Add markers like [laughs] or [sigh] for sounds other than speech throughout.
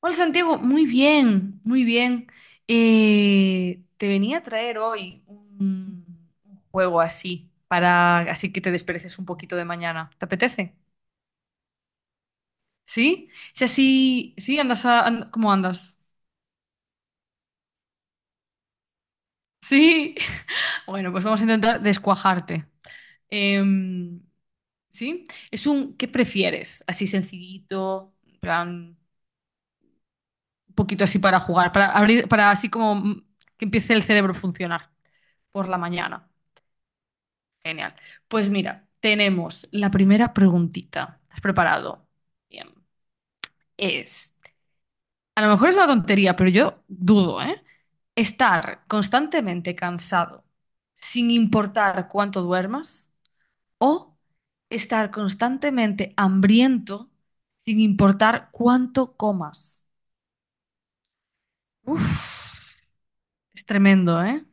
Hola Santiago, muy bien, muy bien. Te venía a traer hoy un juego así, para así que te despereces un poquito de mañana. ¿Te apetece? ¿Sí? Si así, sí, andas ¿cómo andas? Sí. [laughs] Bueno, pues vamos a intentar descuajarte. Em, ¿Sí? Es un ¿qué prefieres? Así sencillito, en plan, un poquito así para jugar, para abrir, para así como que empiece el cerebro a funcionar por la mañana. Genial. Pues mira, tenemos la primera preguntita. ¿Estás preparado? Bien. Es, a lo mejor es una tontería, pero yo dudo, ¿eh? Estar constantemente cansado sin importar cuánto duermas o estar constantemente hambriento sin importar cuánto comas. Uf, es tremendo, ¿eh?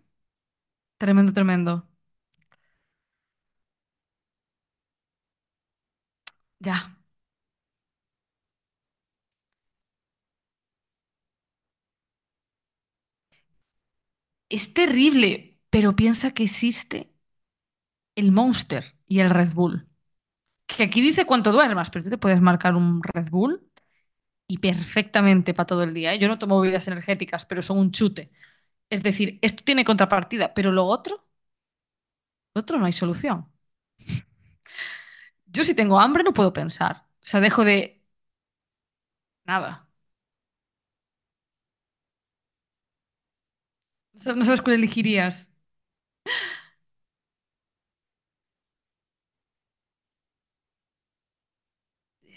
Tremendo, tremendo. Ya. Es terrible, pero piensa que existe el Monster y el Red Bull. Que aquí dice cuánto duermas, pero tú te puedes marcar un Red Bull y perfectamente para todo el día, ¿eh? Yo no tomo bebidas energéticas, pero son un chute. Es decir, esto tiene contrapartida, pero lo otro no hay solución. Yo si tengo hambre no puedo pensar. O sea, dejo de nada. No sabes cuál elegirías.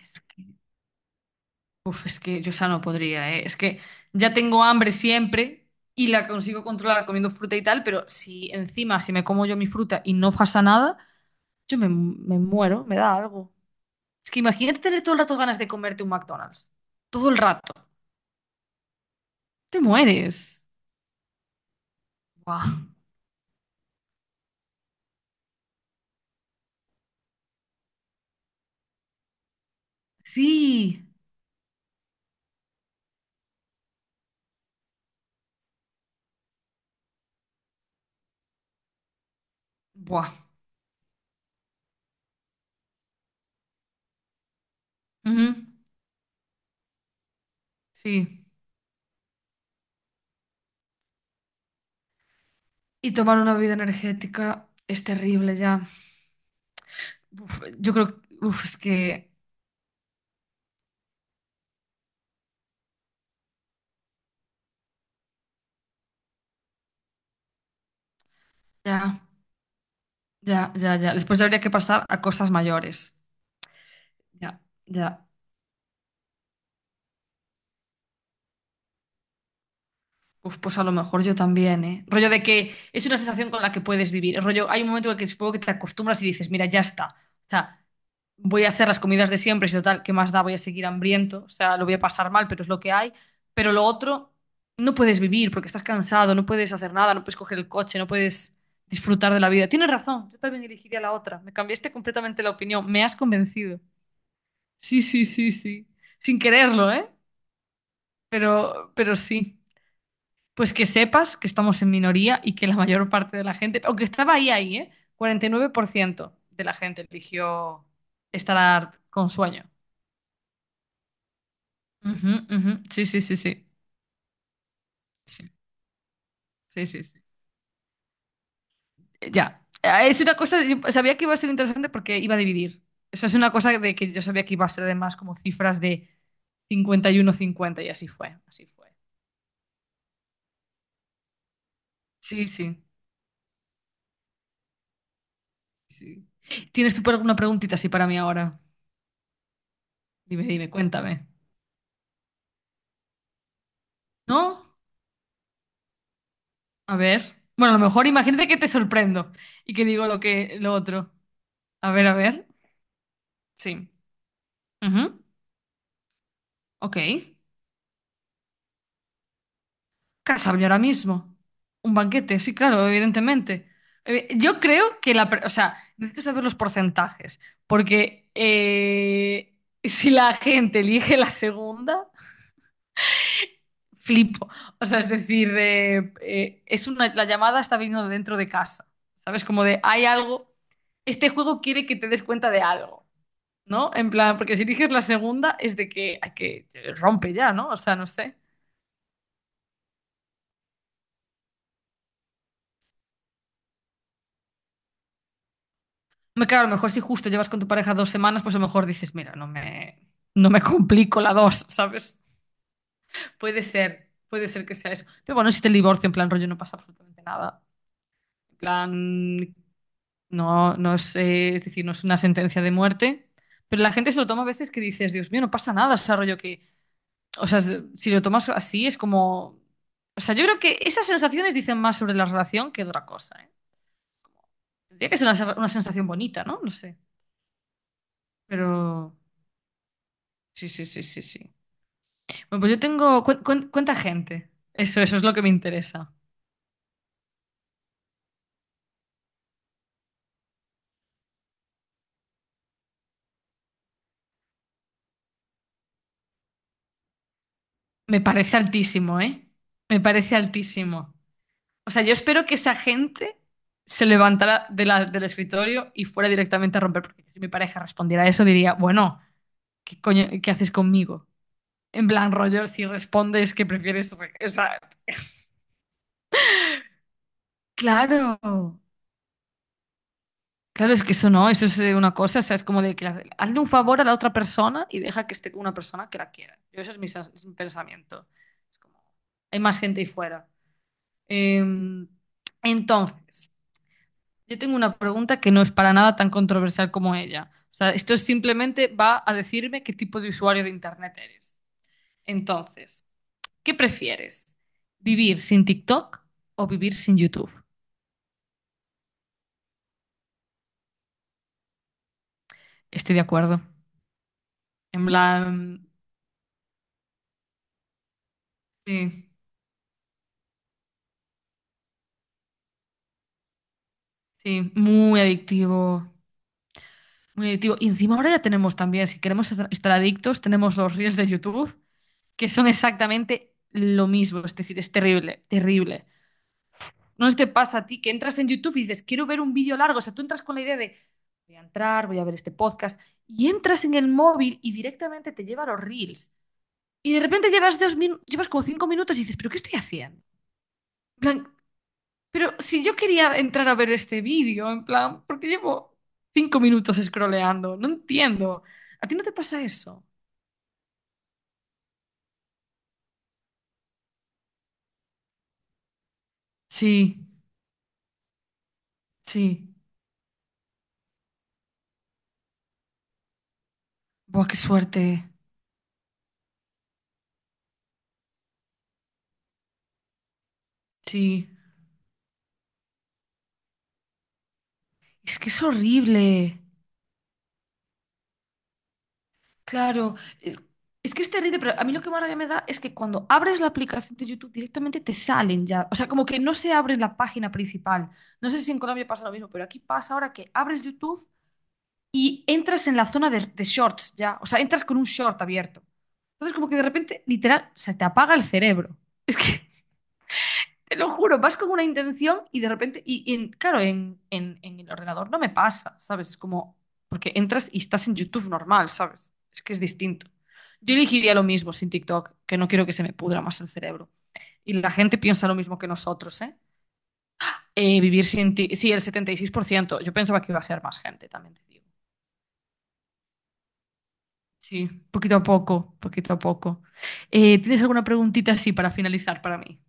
Es que, uf, es que yo ya no podría, ¿eh? Es que ya tengo hambre siempre y la consigo controlar comiendo fruta y tal, pero si encima, si me como yo mi fruta y no pasa nada, yo me muero, me da algo. Es que imagínate tener todo el rato ganas de comerte un McDonald's. Todo el rato. Te mueres. Buah. Sí. Buah. Ujú. Sí. Y tomar una bebida energética es terrible ya. Uf, yo creo que... Uf, es que... Ya, ya, ya, ya. Después ya habría que pasar a cosas mayores. Ya, ya. Uf, pues a lo mejor yo también, ¿eh? Rollo de que es una sensación con la que puedes vivir. Rollo, hay un momento en el que supongo que te acostumbras y dices, mira, ya está. O sea, voy a hacer las comidas de siempre, si total, ¿qué más da? Voy a seguir hambriento, o sea, lo voy a pasar mal, pero es lo que hay. Pero lo otro, no puedes vivir porque estás cansado, no puedes hacer nada, no puedes coger el coche, no puedes disfrutar de la vida. Tienes razón, yo también elegiría la otra. Me cambiaste completamente la opinión, me has convencido. Sí, sí, sí, sí. Sin quererlo, ¿eh? Pero sí. Pues que sepas que estamos en minoría y que la mayor parte de la gente, aunque estaba ahí, ahí, ¿eh? 49% de la gente eligió estar con sueño. Ujú, ujú. Sí, sí, sí, sí. Sí, sí, sí, sí. Ya. Es una cosa, yo sabía que iba a ser interesante porque iba a dividir. Eso es una cosa de que yo sabía que iba a ser además como cifras de 51-50 y así fue, así fue. Sí, sí, sí. ¿Tienes tú por alguna preguntita así para mí ahora? Dime, dime, cuéntame. ¿No? A ver. Bueno, a lo mejor imagínate que te sorprendo y que digo lo que lo otro. A ver, a ver. Sí. Ujú. Ok. Casarme ahora mismo. Un banquete, sí, claro, evidentemente. Yo creo que O sea, necesito saber los porcentajes, porque si la gente elige la segunda, flipo. O sea, es decir, la llamada está viniendo de dentro de casa. ¿Sabes? Hay algo, este juego quiere que te des cuenta de algo. ¿No? En plan, porque si eliges la segunda es de que hay que rompe ya, ¿no? O sea, no sé. Hombre, claro, a lo mejor si justo llevas con tu pareja 2 semanas, pues a lo mejor dices, mira, no me complico la dos, [laughs] ¿sabes? Puede ser que sea eso. Pero bueno, si te divorcio, en plan rollo, no pasa absolutamente nada. En plan, no, no es, es decir, no es una sentencia de muerte. Pero la gente se lo toma a veces que dices, Dios mío, no pasa nada, o sea, rollo que, o sea, si lo tomas así es como... O sea, yo creo que esas sensaciones dicen más sobre la relación que otra cosa, ¿eh? Tendría que ser una sensación bonita, ¿no? No sé. Pero sí, sí, sí, sí, sí. Bueno, pues yo tengo. Cuen- cuen- ¿Cuánta gente? Eso es lo que me interesa. Me parece altísimo, ¿eh? Me parece altísimo. O sea, yo espero que esa gente se levantara del escritorio y fuera directamente a romper. Porque si mi pareja respondiera a eso, diría, bueno, ¿qué coño, qué haces conmigo? En plan, rollo, si respondes que O sea, claro. Claro, es que eso no, eso es una cosa, o sea, es como de que hazle un favor a la otra persona y deja que esté con una persona que la quiera. Yo, ese es mi pensamiento. Es como, hay más gente ahí fuera. Eh, entonces, yo tengo una pregunta que no es para nada tan controversial como ella. O sea, esto es simplemente va a decirme qué tipo de usuario de Internet eres. Entonces, ¿qué prefieres? ¿Vivir sin TikTok o vivir sin YouTube? Estoy de acuerdo. En plan, sí. Sí, muy adictivo, muy adictivo. Y encima ahora ya tenemos también, si queremos estar adictos, tenemos los reels de YouTube, que son exactamente lo mismo. Es decir, es terrible, terrible. No sé si te pasa a ti que entras en YouTube y dices, quiero ver un vídeo largo. O sea, tú entras con la idea de, voy a entrar, voy a ver este podcast. Y entras en el móvil y directamente te lleva a los reels. Y de repente llevas llevas como 5 minutos y dices, ¿pero qué estoy haciendo? En plan, pero si yo quería entrar a ver este vídeo, en plan, porque llevo 5 minutos scrolleando, no entiendo. ¿A ti no te pasa eso? Sí, sí. Buah, qué suerte. Sí. Es que es horrible. Claro. Es que es terrible, pero a mí lo que más rabia me da es que cuando abres la aplicación de YouTube directamente te salen ya. O sea, como que no se abre la página principal. No sé si en Colombia pasa lo mismo, pero aquí pasa ahora que abres YouTube y entras en la zona de shorts ya, o sea, entras con un short abierto. Entonces como que de repente, literal, se te apaga el cerebro. Es que, [laughs] te lo juro, vas con una intención y de repente, claro, en el ordenador no me pasa, ¿sabes? Es como, porque entras y estás en YouTube normal, ¿sabes? Es que es distinto. Yo elegiría lo mismo sin TikTok, que no quiero que se me pudra más el cerebro. Y la gente piensa lo mismo que nosotros, ¿eh? Vivir sin ti, sí, el 76%. Yo pensaba que iba a ser más gente, también te digo. Sí, poquito a poco, poquito a poco. ¿Tienes alguna preguntita así para finalizar para mí?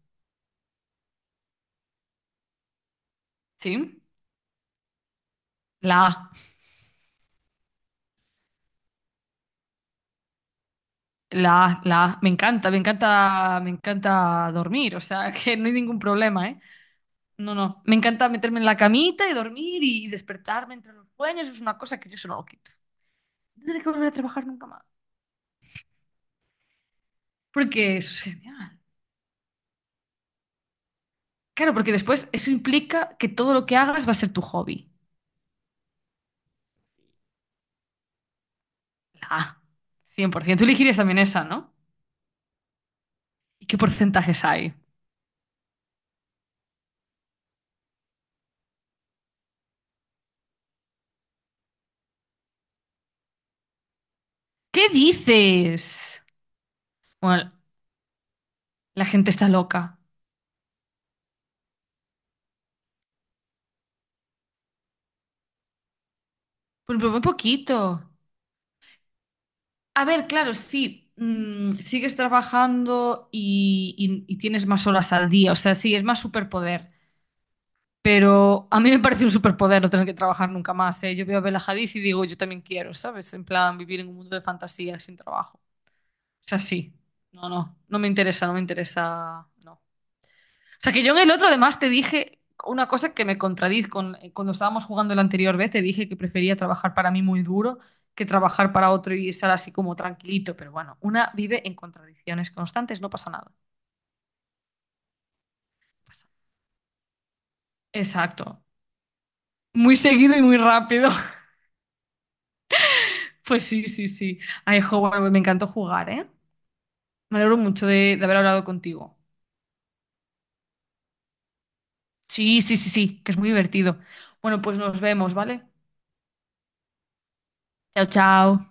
¿Sí? La A, la A, la A. Me encanta, me encanta, me encanta dormir, o sea, [laughs] que no hay ningún problema, ¿eh? No, no, me encanta meterme en la camita y dormir y despertarme entre los sueños, es una cosa que yo eso no lo quito. No tendré que volver a trabajar nunca más, porque eso es genial. Claro, porque después eso implica que todo lo que hagas va a ser tu hobby. La A, 100%. Tú elegirías también esa, ¿no? ¿Y qué porcentajes hay? ¿Qué dices? Bueno, la gente está loca. Pues pero muy poquito. A ver, claro, sí, sigues trabajando y tienes más horas al día. O sea, sí, es más superpoder. Pero a mí me parece un superpoder no tener que trabajar nunca más, ¿eh? Yo veo a Bella Hadid y digo, yo también quiero, ¿sabes? En plan, vivir en un mundo de fantasía sin trabajo. O sea, sí. No, no, no me interesa, no me interesa. No. O sea, que yo en el otro además te dije una cosa que me contradiz con, cuando estábamos jugando la anterior vez, te dije que prefería trabajar para mí muy duro que trabajar para otro y estar así como tranquilito, pero bueno, una vive en contradicciones constantes, no pasa nada. No Pasa. Exacto. Muy seguido y muy rápido. [laughs] Pues sí, sí, sí. Ay, jo, bueno, me encantó jugar, ¿eh? Me alegro mucho de haber hablado contigo. Sí, sí, sí, sí, que es muy divertido. Bueno, pues nos vemos, ¿vale? Chao, chao.